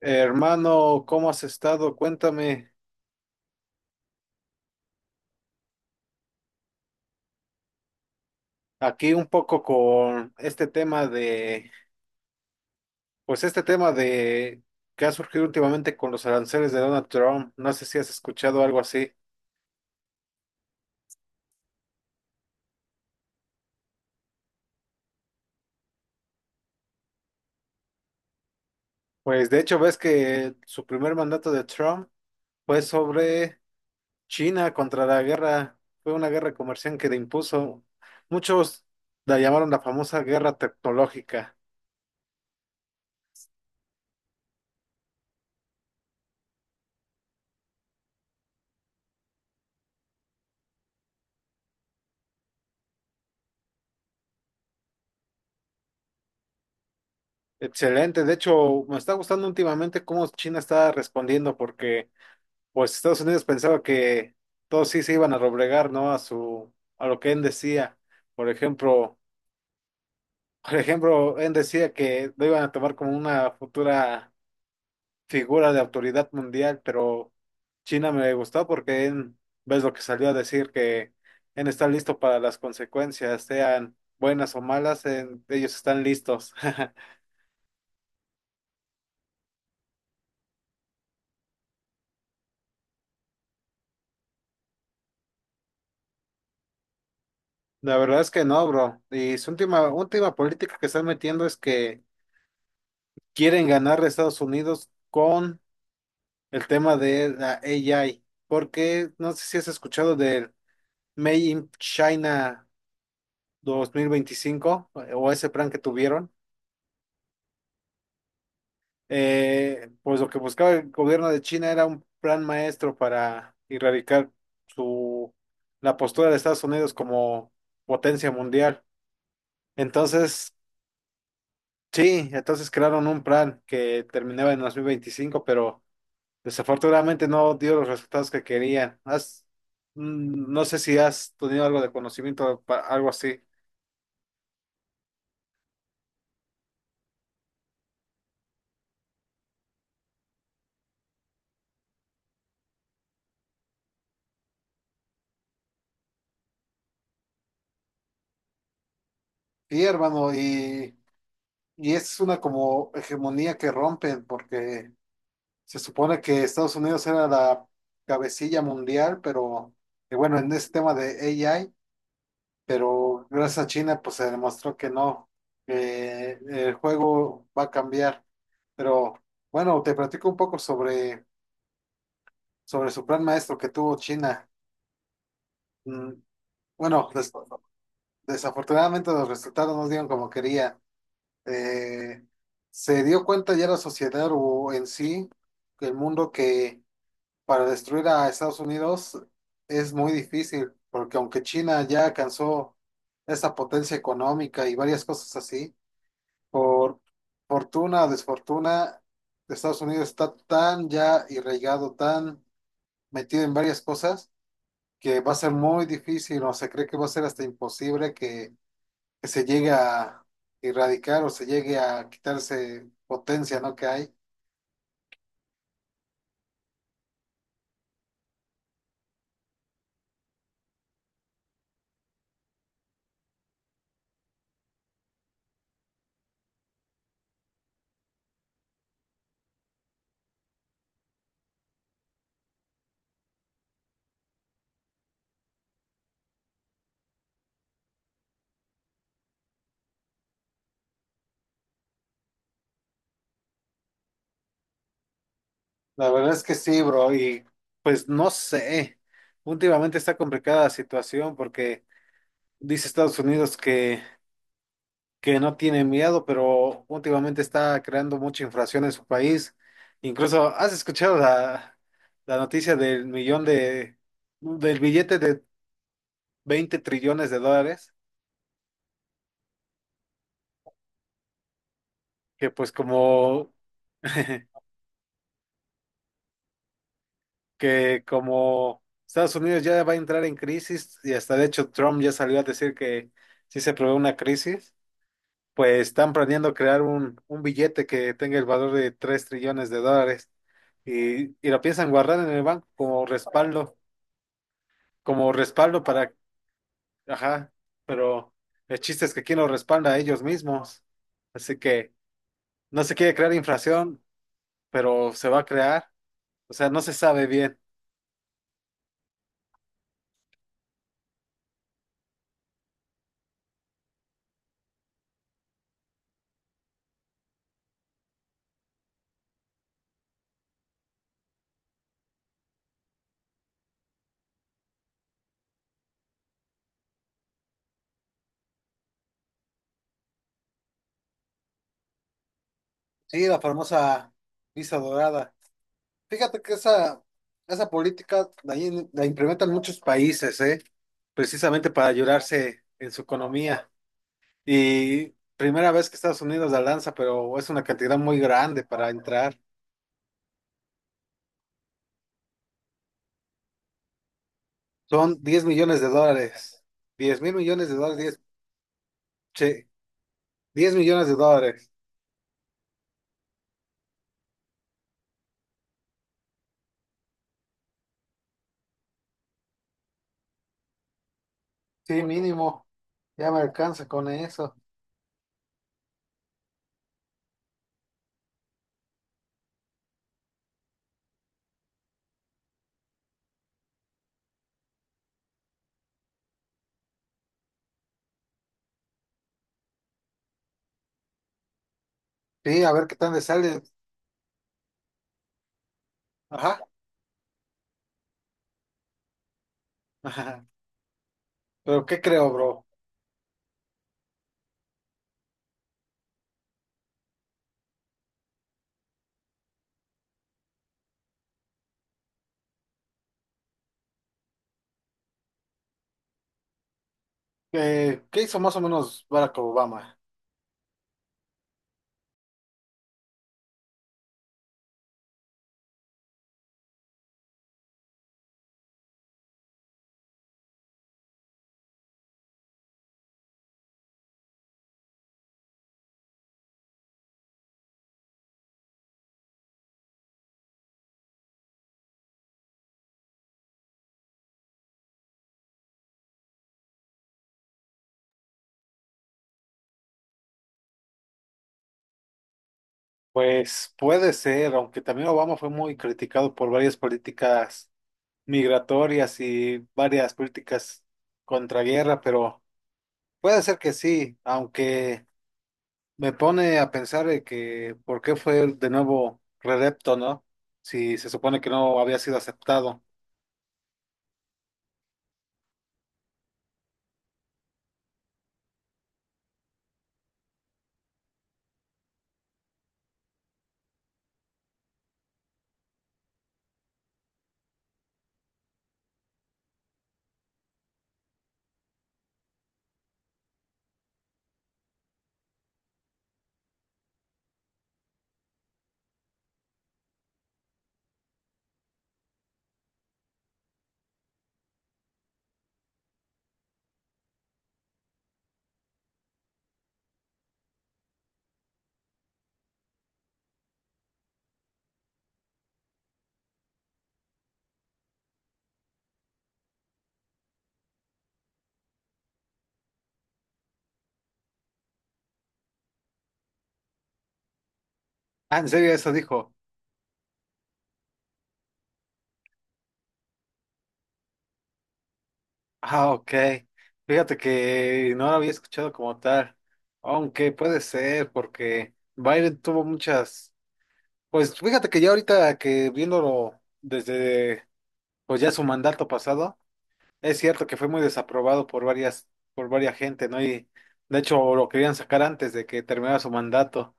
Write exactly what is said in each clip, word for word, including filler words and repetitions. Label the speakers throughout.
Speaker 1: Hermano, ¿cómo has estado? Cuéntame aquí un poco con este tema de, pues este tema de que ha surgido últimamente con los aranceles de Donald Trump. No sé si has escuchado algo así. Pues de hecho ves que su primer mandato de Trump fue sobre China contra la guerra, fue una guerra comercial que le impuso. Muchos la llamaron la famosa guerra tecnológica. Excelente, de hecho me está gustando últimamente cómo China está respondiendo porque pues Estados Unidos pensaba que todos sí se iban a doblegar, ¿no? A su, a lo que él decía. Por ejemplo, por ejemplo, él decía que lo iban a tomar como una futura figura de autoridad mundial, pero China me gustó porque él, ves lo que salió a decir, que él está listo para las consecuencias, sean buenas o malas, en- ellos están listos. La verdad es que no, bro. Y su última, última política que están metiendo es que quieren ganar a Estados Unidos con el tema de la A I, porque no sé si has escuchado del Made in China dos mil veinticinco, eh, o ese plan que tuvieron. Eh, pues lo que buscaba el gobierno de China era un plan maestro para erradicar su, la postura de Estados Unidos como potencia mundial. Entonces, sí, entonces crearon un plan que terminaba en dos mil veinticinco, pero desafortunadamente no dio los resultados que querían. Has- mm, no sé si has tenido algo de conocimiento, pa- algo así. Sí, hermano, y, y es una como hegemonía que rompen, porque se supone que Estados Unidos era la cabecilla mundial, pero que bueno, en ese tema de A I, pero gracias a China, pues se demostró que no, que el juego va a cambiar. Pero bueno, te platico un poco sobre, sobre su plan maestro que tuvo China. Mm, Bueno, des- desafortunadamente los resultados no dieron como quería. Eh, se dio cuenta ya la sociedad o en sí, que el mundo que para destruir a Estados Unidos es muy difícil, porque aunque China ya alcanzó esa potencia económica y varias cosas así, por fortuna o desfortuna, Estados Unidos está tan ya irraigado, tan metido en varias cosas, que va a ser muy difícil o se cree que va a ser hasta imposible que que se llegue a erradicar o se llegue a quitarse potencia, ¿no? Que hay. La verdad es que sí, bro, y pues no sé. Últimamente está complicada la situación porque dice Estados Unidos que, que no tiene miedo, pero últimamente está creando mucha inflación en su país. Incluso, ¿has escuchado la, la noticia del millón de, del billete de veinte trillones de dólares? Que pues como que como Estados Unidos ya va a entrar en crisis y hasta de hecho Trump ya salió a decir que si se prevé una crisis, pues están planeando crear un, un billete que tenga el valor de tres trillones de dólares y, y lo piensan guardar en el banco como respaldo, como respaldo para, ajá, pero el chiste es que quién lo respalda a ellos mismos. Así que no se quiere crear inflación, pero se va a crear, o sea, no se sabe bien. Sí, la famosa visa dorada. Fíjate que esa, esa política la, in- la implementan muchos países, ¿eh? Precisamente para ayudarse en su economía. Y primera vez que Estados Unidos la lanza, pero es una cantidad muy grande para entrar. Son diez millones de dólares. Diez mil millones de dólares. Diez che, diez millones de dólares. Sí, mínimo. Ya me alcanza con eso. Sí, a ver qué tal le sale. Ajá. Ajá. Pero ¿qué creo, bro? Eh, ¿qué hizo más o menos Barack Obama? Pues puede ser, aunque también Obama fue muy criticado por varias políticas migratorias y varias políticas contra guerra, pero puede ser que sí, aunque me pone a pensar de que por qué fue de nuevo reelecto, ¿no? Si se supone que no había sido aceptado. Ah, en serio, eso dijo. Ah, ok. Fíjate que no lo había escuchado como tal, aunque puede ser, porque Biden tuvo muchas. Pues fíjate que ya ahorita que viéndolo desde pues ya su mandato pasado, es cierto que fue muy desaprobado por varias, por varias gente, ¿no? Y de hecho lo querían sacar antes de que terminara su mandato,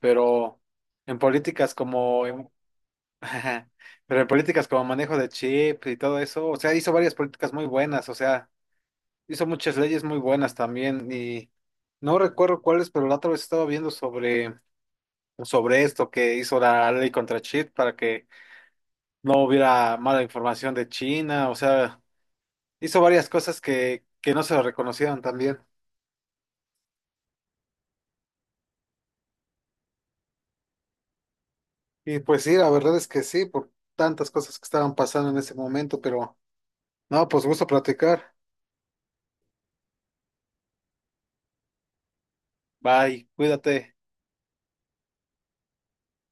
Speaker 1: pero en políticas como en- pero en políticas como manejo de chip y todo eso, o sea, hizo varias políticas muy buenas, o sea, hizo muchas leyes muy buenas también y no recuerdo cuáles, pero la otra vez estaba viendo sobre sobre esto que hizo la ley contra chip para que no hubiera mala información de China, o sea, hizo varias cosas que, que no se lo reconocieron también. Y pues sí, la verdad es que sí, por tantas cosas que estaban pasando en ese momento, pero no, pues gusto platicar. Bye, cuídate.